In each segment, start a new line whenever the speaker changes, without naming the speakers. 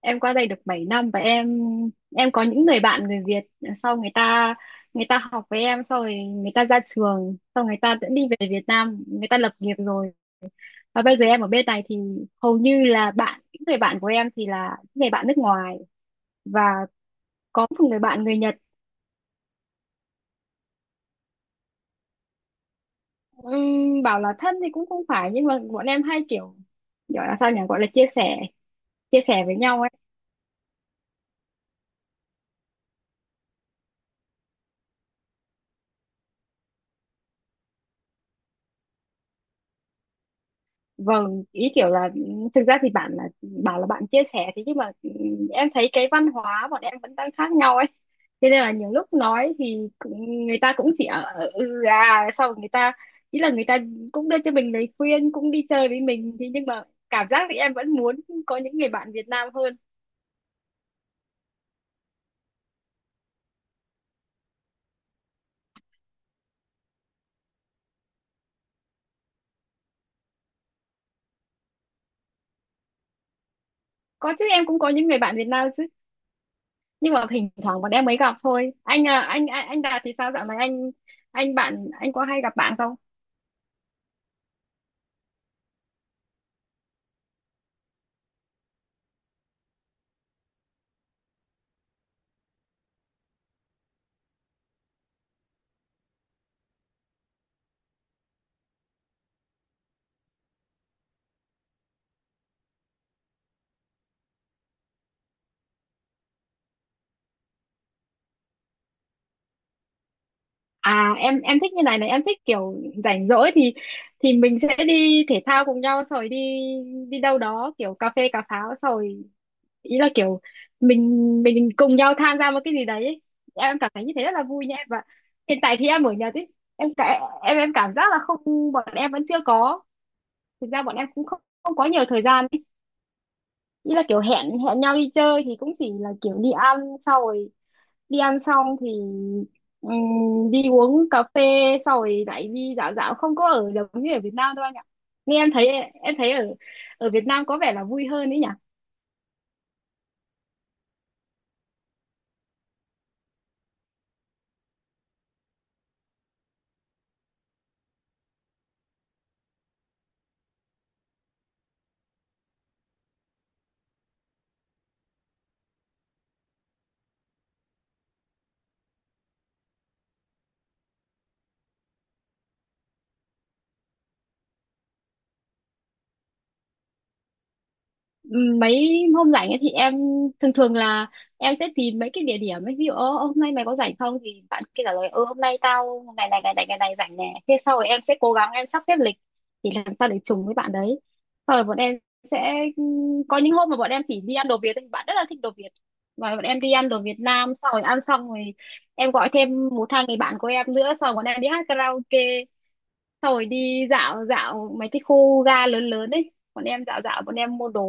Em qua đây được 7 năm, và em có những người bạn người Việt. Sau người ta học với em, sau rồi người ta ra trường, sau người ta cũng đi về Việt Nam người ta lập nghiệp rồi. Và bây giờ em ở bên này thì hầu như là những người bạn của em thì là những người bạn nước ngoài, và có một người bạn người Nhật. Bảo là thân thì cũng không phải, nhưng mà bọn em hay kiểu gọi là sao nhỉ, gọi là chia sẻ, chia sẻ với nhau ấy. Vâng, ý kiểu là thực ra thì bạn là bảo là bạn chia sẻ thì, nhưng mà em thấy cái văn hóa bọn em vẫn đang khác nhau ấy. Thế nên là nhiều lúc nói thì người ta cũng chỉ ở ở- sau người ta ý là người ta cũng đưa cho mình lời khuyên, cũng đi chơi với mình, thế nhưng mà cảm giác thì em vẫn muốn có những người bạn Việt Nam hơn. Có chứ, em cũng có những người bạn Việt Nam chứ, nhưng mà thỉnh thoảng bọn em mới gặp thôi. Anh à, anh Đạt thì sao dạo này anh bạn anh có hay gặp bạn không? À, em thích như này này, em thích kiểu rảnh rỗi thì mình sẽ đi thể thao cùng nhau, rồi đi đi đâu đó kiểu cà phê cà pháo, rồi ý là kiểu mình cùng nhau tham gia một cái gì đấy. Ấy. Em cảm thấy như thế rất là vui nha em, và hiện tại thì em ở nhà thì em cảm giác là không, bọn em vẫn chưa có. Thực ra bọn em cũng không không có nhiều thời gian ấy. Ý là kiểu hẹn hẹn nhau đi chơi thì cũng chỉ là kiểu đi ăn, sau rồi đi ăn xong thì đi uống cà phê, sau rồi lại đi dạo dạo, không có ở giống như ở Việt Nam đâu anh ạ, nghe em thấy, ở ở Việt Nam có vẻ là vui hơn ấy nhỉ. Mấy hôm rảnh ấy thì em thường thường là em sẽ tìm mấy cái địa điểm ấy, ví dụ "Ơ, hôm nay mày có rảnh không?", thì bạn kia trả lời "Ừ, hôm nay tao ngày này ngày này ngày này rảnh nè", thế sau rồi em sẽ cố gắng em sắp xếp lịch thì làm sao để trùng với bạn đấy, sau rồi bọn em sẽ có những hôm mà bọn em chỉ đi ăn đồ Việt thì bạn rất là thích đồ Việt. Và bọn em đi ăn đồ Việt Nam, sau rồi ăn xong rồi em gọi thêm một hai người bạn của em nữa, sau rồi bọn em đi hát karaoke. Xong rồi đi dạo dạo mấy cái khu ga lớn lớn ấy, bọn em dạo dạo, bọn em mua đồ,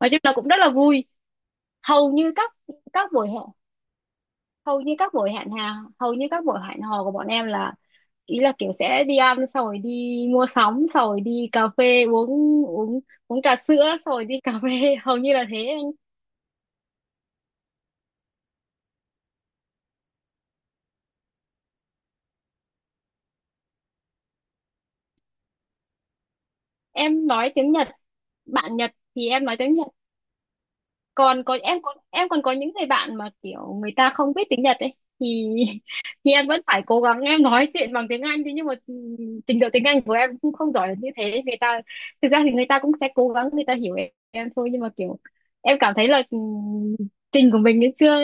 nói chung là cũng rất là vui. hầu như các các buổi hẹn Hầu như các buổi hẹn hò của bọn em là ý là kiểu sẽ đi ăn, xong rồi đi mua sắm, xong rồi đi cà phê uống, uống uống trà sữa, xong rồi đi cà phê. Hầu như là thế anh. Em nói tiếng Nhật, bạn Nhật thì em nói tiếng Nhật. Còn có em còn Em còn có những người bạn mà kiểu người ta không biết tiếng Nhật ấy, thì thì em vẫn phải cố gắng em nói chuyện bằng tiếng Anh, thế nhưng mà trình độ tiếng Anh của em cũng không giỏi là như thế người ta. Thực ra thì người ta cũng sẽ cố gắng người ta hiểu em thôi, nhưng mà kiểu em cảm thấy là trình của mình ấy chưa,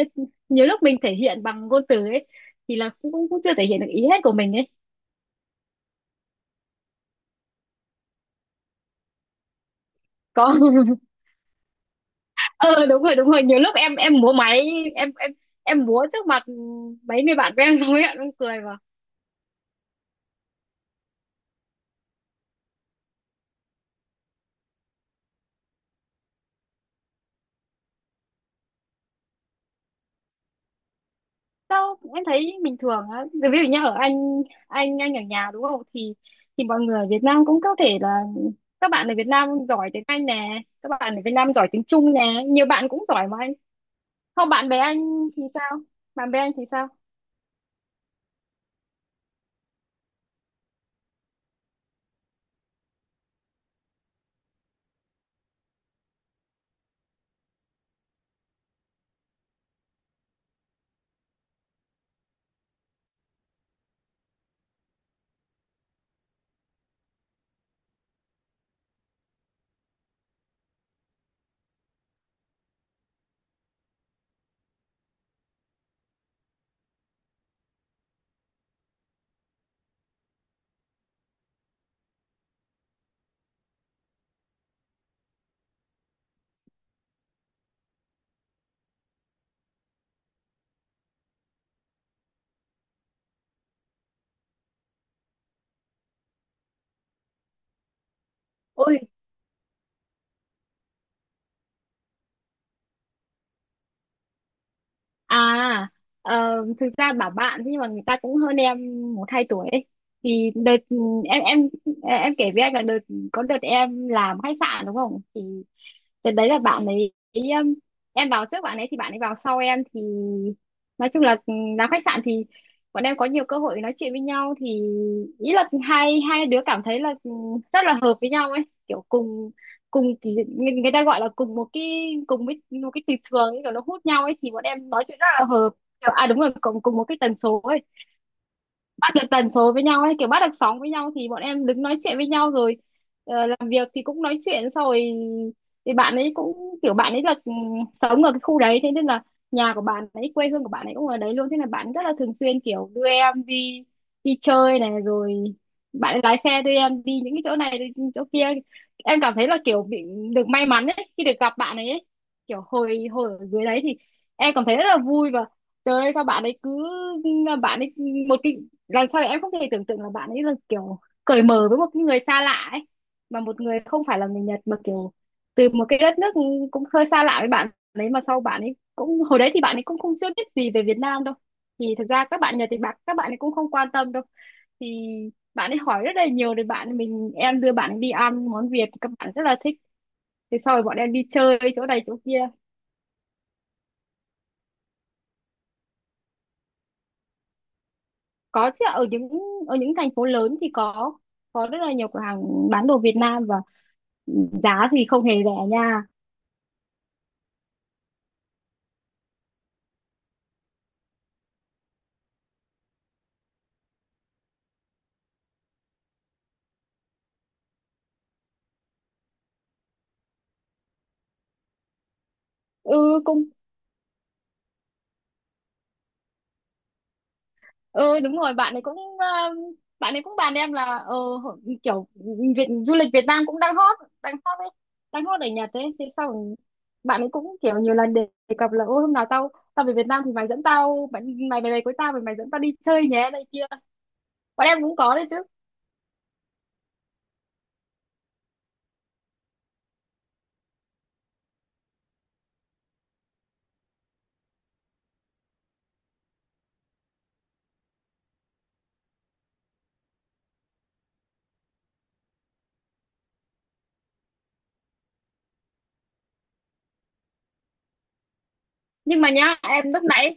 nhiều lúc mình thể hiện bằng ngôn từ ấy thì là cũng cũng cũng chưa thể hiện được ý hết của mình ấy. Có. Ờ Đúng rồi, đúng rồi, nhiều lúc em múa máy, em em em múa trước mặt mấy người bạn của em xong ấy, em cũng cười mà. Sao em thấy bình thường á. Rồi ví dụ như ở Anh ở nhà đúng không? Thì mọi người ở Việt Nam cũng có thể là các bạn ở Việt Nam giỏi tiếng Anh nè, các bạn ở Việt Nam giỏi tiếng Trung nè, nhiều bạn cũng giỏi mà anh. Không, bạn bè anh thì sao? Bạn bè anh thì sao? Ôi, à, thực ra bảo bạn thế nhưng mà người ta cũng hơn em một hai tuổi ấy. Thì đợt em em kể với anh là có đợt em làm khách sạn đúng không? Thì đợt đấy là bạn ấy ý, em vào trước bạn ấy thì bạn ấy vào sau em, thì nói chung là làm khách sạn thì bọn em có nhiều cơ hội nói chuyện với nhau, thì ý là hai hai đứa cảm thấy là rất là hợp với nhau ấy, kiểu cùng cùng thì người ta gọi là cùng với một cái từ trường ấy, kiểu nó hút nhau ấy, thì bọn em nói chuyện rất là hợp. Kiểu, à đúng rồi, cùng cùng một cái tần số ấy. Bắt được tần số với nhau ấy, kiểu bắt được sóng với nhau, thì bọn em đứng nói chuyện với nhau rồi, làm việc thì cũng nói chuyện xong rồi thì bạn ấy cũng kiểu bạn ấy là sống ở cái khu đấy, thế nên là nhà của bạn ấy, quê hương của bạn ấy cũng ở đấy luôn, thế là bạn rất là thường xuyên kiểu đưa em đi đi chơi này, rồi bạn ấy lái xe đưa em đi những cái chỗ này, đi chỗ kia. Em cảm thấy là kiểu bị được may mắn ấy khi được gặp bạn ấy, ấy. Kiểu hồi hồi ở dưới đấy thì em cảm thấy rất là vui, và trời ơi, sao bạn ấy cứ, bạn ấy một cái, làm sao để em không thể tưởng tượng là bạn ấy là kiểu cởi mở với một cái người xa lạ ấy, mà một người không phải là người Nhật, mà kiểu từ một cái đất nước cũng hơi xa lạ với bạn đấy, mà sau bạn ấy cũng, hồi đấy thì bạn ấy cũng không chưa biết gì về Việt Nam đâu, thì thực ra các bạn Nhật thì các bạn ấy cũng không quan tâm đâu, thì bạn ấy hỏi rất là nhiều, thì bạn mình em đưa bạn ấy đi ăn món Việt, các bạn rất là thích, thế sau rồi bọn em đi chơi chỗ này chỗ kia. Có chứ, ở những thành phố lớn thì có rất là nhiều cửa hàng bán đồ Việt Nam, và giá thì không hề rẻ nha. Ừ cũng, ừ đúng rồi, bạn ấy cũng bạn ấy cũng bàn em là hổ- kiểu Việt, du lịch Việt Nam cũng đang hot, đang hot đấy, đang hot ở Nhật đấy, thế sau rồi bạn ấy cũng kiểu nhiều lần đề đề cập là ô hôm nào tao tao về Việt Nam thì mày dẫn tao, mày mày về đây với tao, mày mày dẫn tao đi chơi nhé này kia, bọn em cũng có đấy chứ. Nhưng mà nhá em, lúc nãy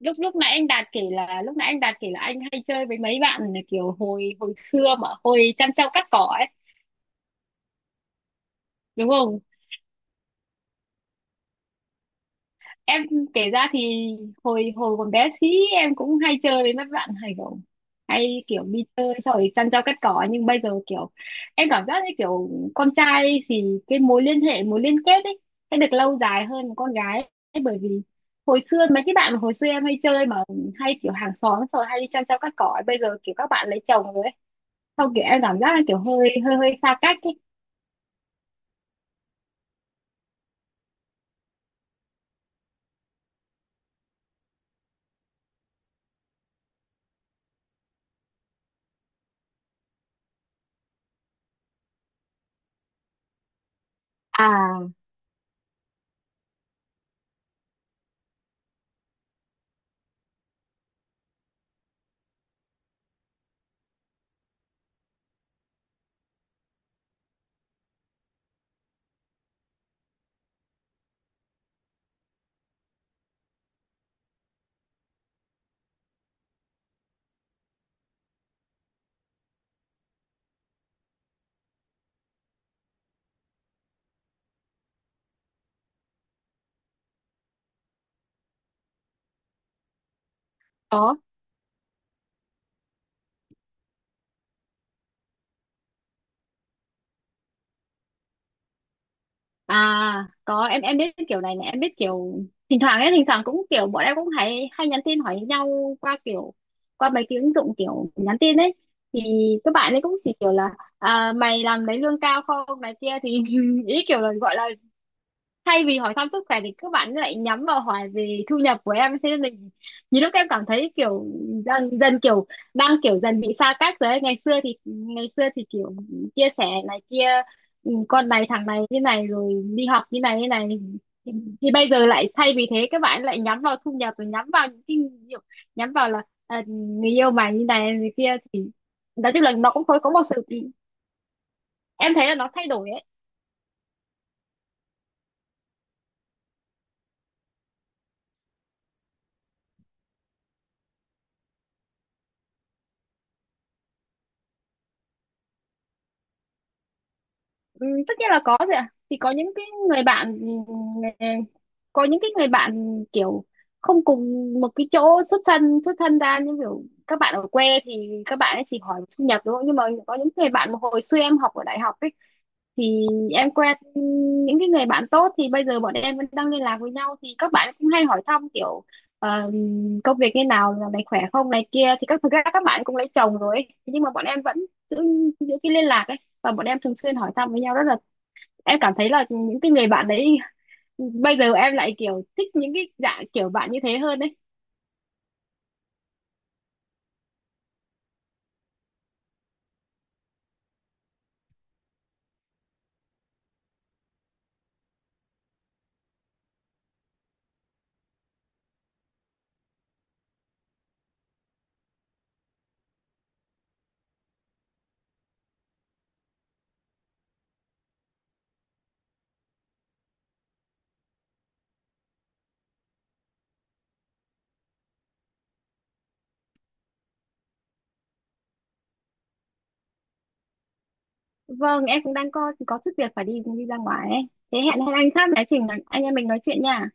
lúc lúc nãy anh Đạt kể là lúc nãy anh Đạt kể là anh hay chơi với mấy bạn, là kiểu hồi hồi xưa mà hồi chăn trâu cắt cỏ ấy, đúng không? Em kể ra thì hồi hồi còn bé xí em cũng hay chơi với mấy bạn, hay kiểu đi chơi xong rồi chăn trâu cắt cỏ, nhưng bây giờ kiểu em cảm giác như kiểu con trai thì cái mối liên hệ, mối liên kết ấy sẽ được lâu dài hơn một con gái ấy, bởi vì hồi xưa mấy cái bạn mà hồi xưa em hay chơi mà hay kiểu hàng xóm xong rồi hay đi chăn trâu cắt cỏ ấy, bây giờ kiểu các bạn lấy chồng rồi ấy, xong kiểu em cảm giác là kiểu hơi hơi hơi xa cách ấy. À có, em biết kiểu này này, em biết kiểu thỉnh thoảng ấy, thỉnh thoảng cũng kiểu bọn em cũng hay hay nhắn tin hỏi nhau qua kiểu qua mấy cái ứng dụng kiểu nhắn tin ấy, thì các bạn ấy cũng chỉ kiểu là à, mày làm lấy lương cao không này kia thì ý kiểu là gọi là thay vì hỏi thăm sức khỏe thì các bạn lại nhắm vào hỏi về thu nhập của em, thế nên mình nhiều lúc em cảm thấy kiểu dần dần, kiểu đang kiểu dần bị xa cách rồi ấy. Ngày xưa thì kiểu chia sẻ này kia, con này thằng này như này rồi đi học như này thì, thì bây giờ lại thay vì thế các bạn lại nhắm vào thu nhập, rồi nhắm vào những cái kiểu, nhắm vào là à, người yêu mày như này như kia, thì nói chung là nó cũng có một sự, em thấy là nó thay đổi ấy. Ừ, tất nhiên là có rồi ạ, thì có những cái người bạn kiểu không cùng một cái chỗ xuất thân, xuất thân ra như kiểu các bạn ở quê thì các bạn ấy chỉ hỏi thu nhập đúng không, nhưng mà có những người bạn mà hồi xưa em học ở đại học ấy, thì em quen những cái người bạn tốt, thì bây giờ bọn em vẫn đang liên lạc với nhau, thì các bạn cũng hay hỏi thăm kiểu ờ, công việc như nào, là mày khỏe không này kia, thì thực ra các bạn cũng lấy chồng rồi ấy. Nhưng mà bọn em vẫn giữ giữ cái liên lạc ấy, và bọn em thường xuyên hỏi thăm với nhau, rất là em cảm thấy là những cái người bạn đấy, bây giờ em lại kiểu thích những cái dạng kiểu bạn như thế hơn đấy. Vâng, em cũng đang có chút việc phải đi đi ra ngoài ấy. Thế hẹn hẹn anh khác nói chuyện, anh em mình nói chuyện nha.